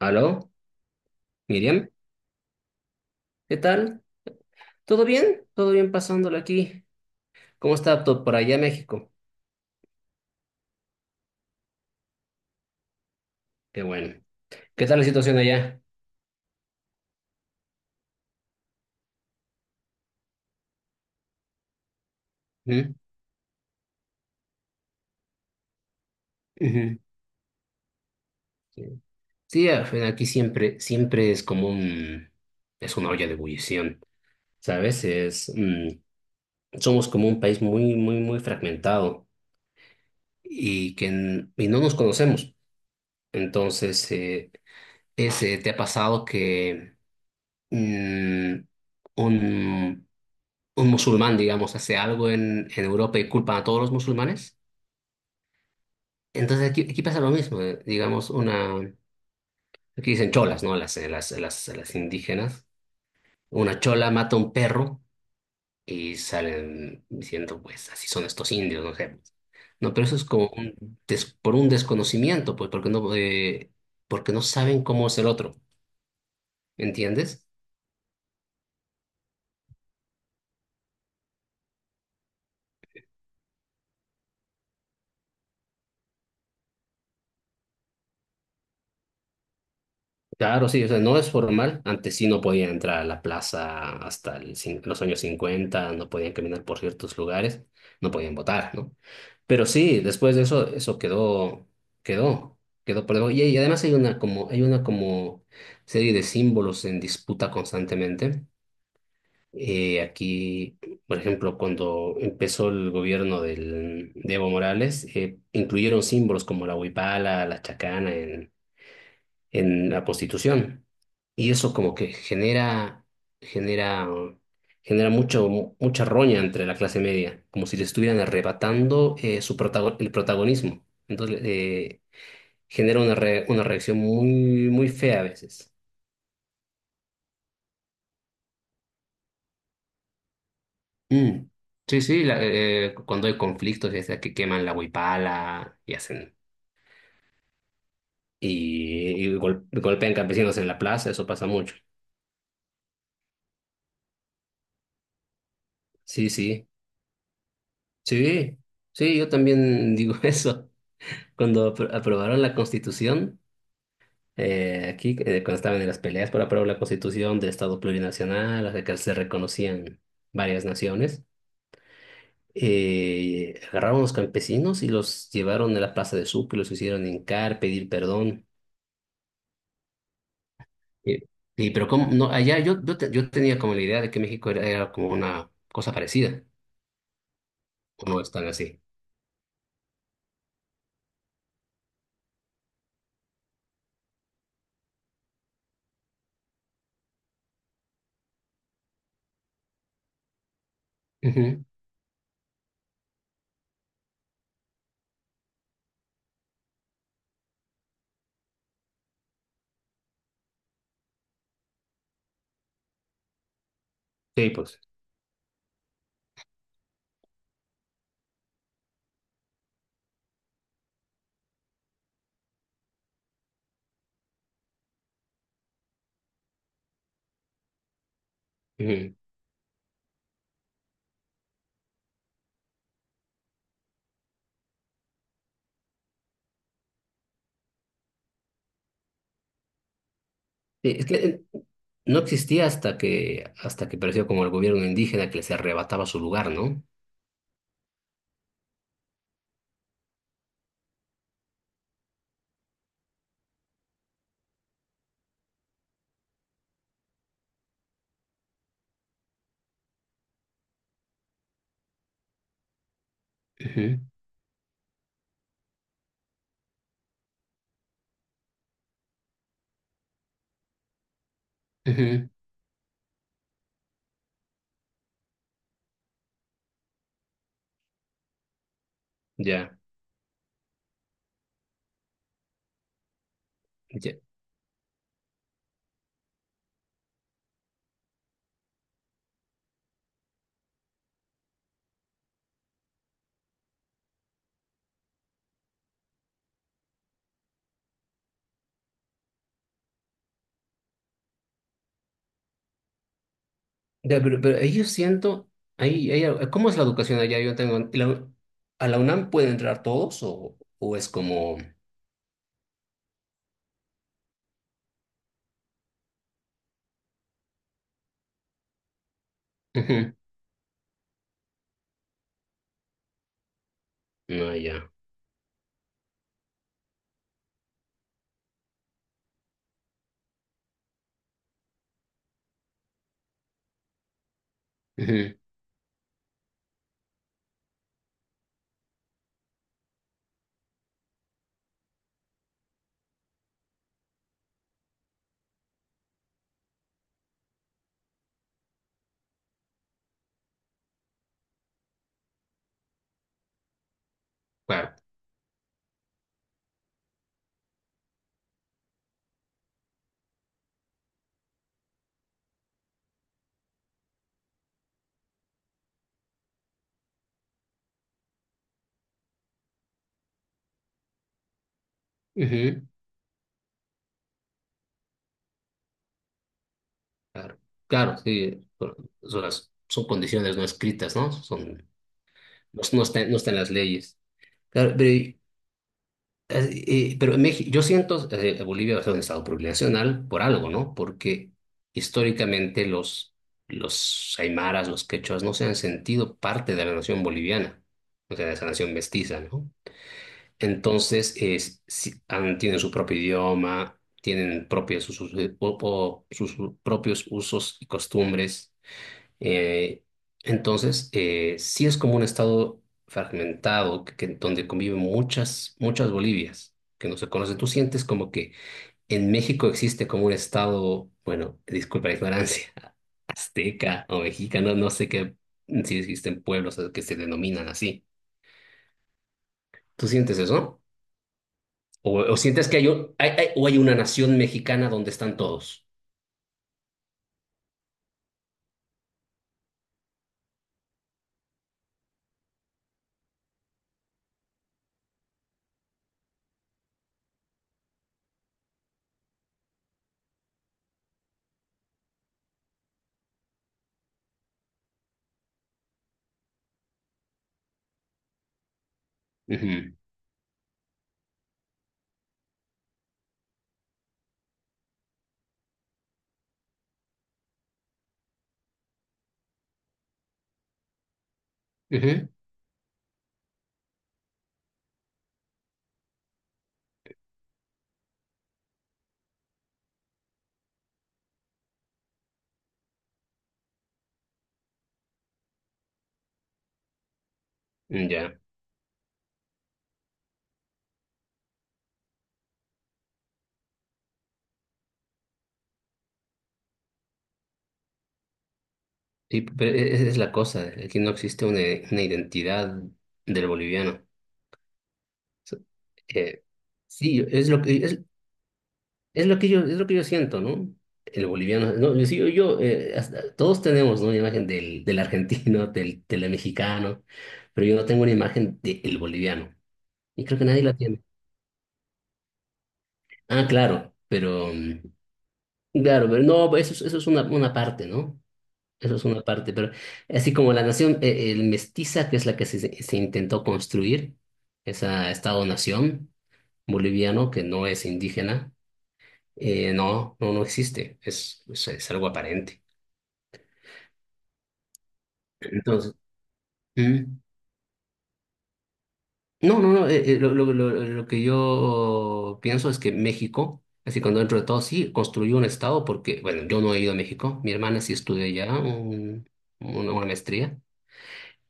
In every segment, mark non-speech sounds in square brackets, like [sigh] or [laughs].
Aló, Miriam, ¿qué tal? ¿Todo bien? ¿Todo bien pasándolo aquí? ¿Cómo está todo por allá, México? Qué bueno. ¿Qué tal la situación allá? ¿Mm? Ujú. Sí, sí, al fin, aquí siempre es como un, es una olla de ebullición, ¿sabes? Es, mm, somos como un país muy, muy, muy fragmentado y y no nos conocemos. Entonces, ese, ¿te ha pasado que mm, un, un musulmán, digamos, hace algo en Europa y culpan a todos los musulmanes? Entonces aquí, aquí pasa lo mismo, digamos, una, aquí dicen cholas, ¿no? Las, las indígenas. Una chola mata a un perro y salen diciendo, pues, así son estos indios, no sé. No, pero eso es como un por un desconocimiento, pues, porque no saben cómo es el otro, ¿entiendes? Claro, sí, o sea, no es formal. Antes sí no podían entrar a la plaza hasta los años 50. No podían caminar por ciertos lugares, no podían votar, ¿no? Pero sí, después de eso, eso quedó, quedó, quedó por debajo. Y además hay una como serie de símbolos en disputa constantemente. Aquí, por ejemplo, cuando empezó el gobierno de Evo Morales, incluyeron símbolos como la huipala, la chacana en la prostitución. Y eso como que genera, genera, genera mucho, mucha roña entre la clase media, como si le estuvieran arrebatando su el protagonismo. Entonces genera una, una reacción muy, muy fea a veces. Mm. Sí, sí, cuando hay conflictos, ya sea que queman la huipala y hacen y golpean campesinos en la plaza, eso pasa mucho. Sí, sí, sí, sí, yo también digo [laughs] eso. Cuando aprobaron la Constitución, aquí cuando estaban en las peleas para aprobar la Constitución de Estado plurinacional, la que se reconocían varias naciones, agarraron a los campesinos y los llevaron a la Plaza de Sucre, los hicieron hincar, pedir perdón. Y, y pero como no, allá yo, yo, yo tenía como la idea de que México era, era como una cosa parecida, o no están así. Ujú. Sí, pues. Sí, es que no existía hasta que apareció como el gobierno indígena que les arrebataba su lugar, ¿no? Ujú, ujú. Ya, ya. Ya, pero ahí yo siento, ahí, ahí- ¿cómo es la educación allá? Yo tengo, ¿a la UNAM pueden entrar todos o es como? Ujú, no, ya, ujú, claro, ujú. Claro, claro, sí, son, son condiciones no escritas, ¿no? Son, no, no está, no está en las leyes. Claro, pero en México, yo siento Bolivia es un estado plurinacional por algo, ¿no? Porque históricamente los aymaras, los quechuas, no se han sentido parte de la nación boliviana, o sea, de esa nación mestiza, ¿no? Entonces, es, tienen su propio idioma, tienen propios usos, o sus propios usos y costumbres. Eh, entonces, sí es como un estado fragmentado que, donde conviven muchas, muchas Bolivias que no se conocen. Tú sientes como que en México existe como un estado, bueno, disculpa la ignorancia, [laughs] azteca o mexicano, no sé qué, mm, si existen pueblos que se denominan así. ¿Tú sientes eso? O sientes que hay, o hay una nación mexicana donde están todos? Ujú, ujú, ya. Sí, pero esa es la cosa, aquí no existe una identidad del boliviano. So- eh, sí, es lo que yo siento, ¿no? El boliviano, no, yo, sí, yo, todos tenemos, ¿no?, una imagen del, del argentino, [laughs] del, del mexicano, pero yo no tengo una imagen del boliviano. Y creo que nadie la tiene. Ah, claro, pero mm, claro, pero no, eso es una parte, ¿no? Eso es una parte, pero así como la nación el mestiza, que es la que se intentó construir, esa Estado-nación boliviano que no es indígena, no, no, no existe, es algo aparente. Entonces, ¿mm? No, no, no, lo, lo que yo pienso es que México, así cuando dentro de todo sí, construyó un Estado porque, bueno, yo no he ido a México, mi hermana sí estudió allá una maestría.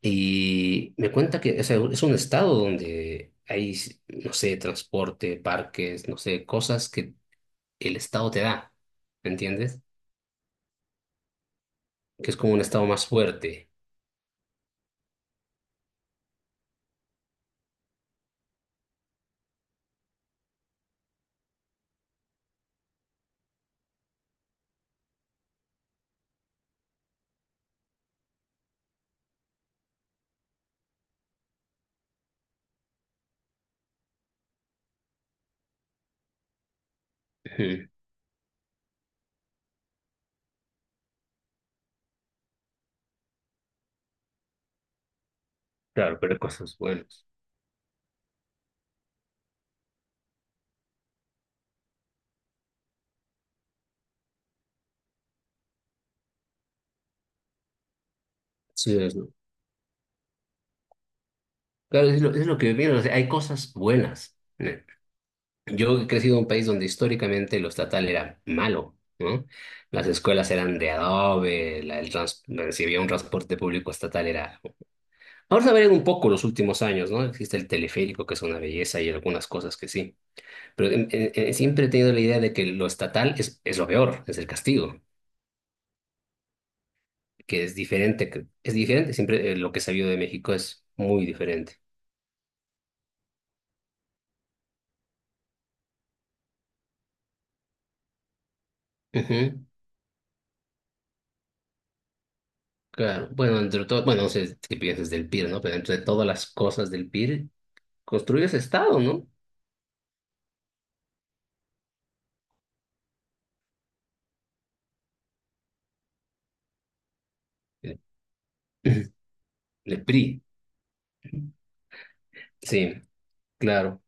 Y me cuenta que, o sea, es un estado donde hay, no sé, transporte, parques, no sé, cosas que el estado te da, ¿me entiendes? Que es como un estado más fuerte. Ujú. Claro, pero hay cosas buenas. Sí, es lo- Claro, es lo que viene, o sea, hay cosas buenas, ¿no? Yo he crecido en un país donde históricamente lo estatal era malo, ¿no? Las escuelas eran de adobe, si había un transporte público estatal era. Ahora se ha variado un poco los últimos años, ¿no? Existe el teleférico, que es una belleza, y algunas cosas que sí. Pero siempre he tenido la idea de que lo estatal es lo peor, es el castigo, que es diferente, es diferente. Siempre lo que he sabido de México es muy diferente. Ujú, claro. Bueno, entre todo, bueno, no sé qué piensas del PIR, ¿no? Pero entre todas las cosas del PIR, construyes Estado, ¿no? El, [clears throat] el PRI, sí, claro.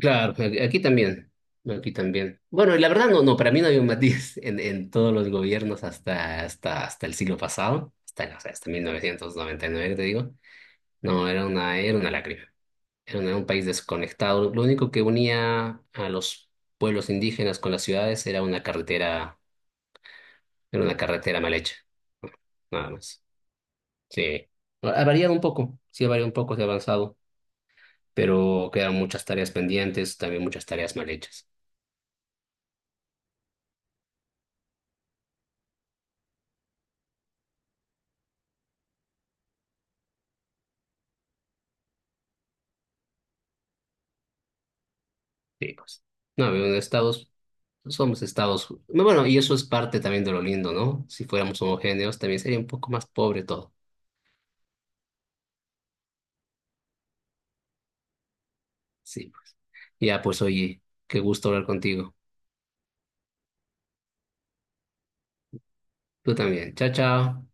Claro, aquí también, aquí también. Bueno, y la verdad no, no, para mí no había un matiz en todos los gobiernos hasta, hasta, hasta el siglo pasado, hasta, no sé, hasta 1999, que te digo. No, era una lágrima, era un país desconectado. Lo único que unía a los pueblos indígenas con las ciudades era una carretera mal hecha, ¿no? Nada más. Sí, ha variado un poco, sí ha variado un poco, se ha avanzado, pero quedan muchas tareas pendientes, también muchas tareas mal hechas. Sí, pues. No, pero en Estados, somos Estados. No, bueno, y eso es parte también de lo lindo, ¿no? Si fuéramos homogéneos, también sería un poco más pobre todo. Sí, pues. Ya, pues, oye, qué gusto hablar contigo. Tú también. Chao, chao.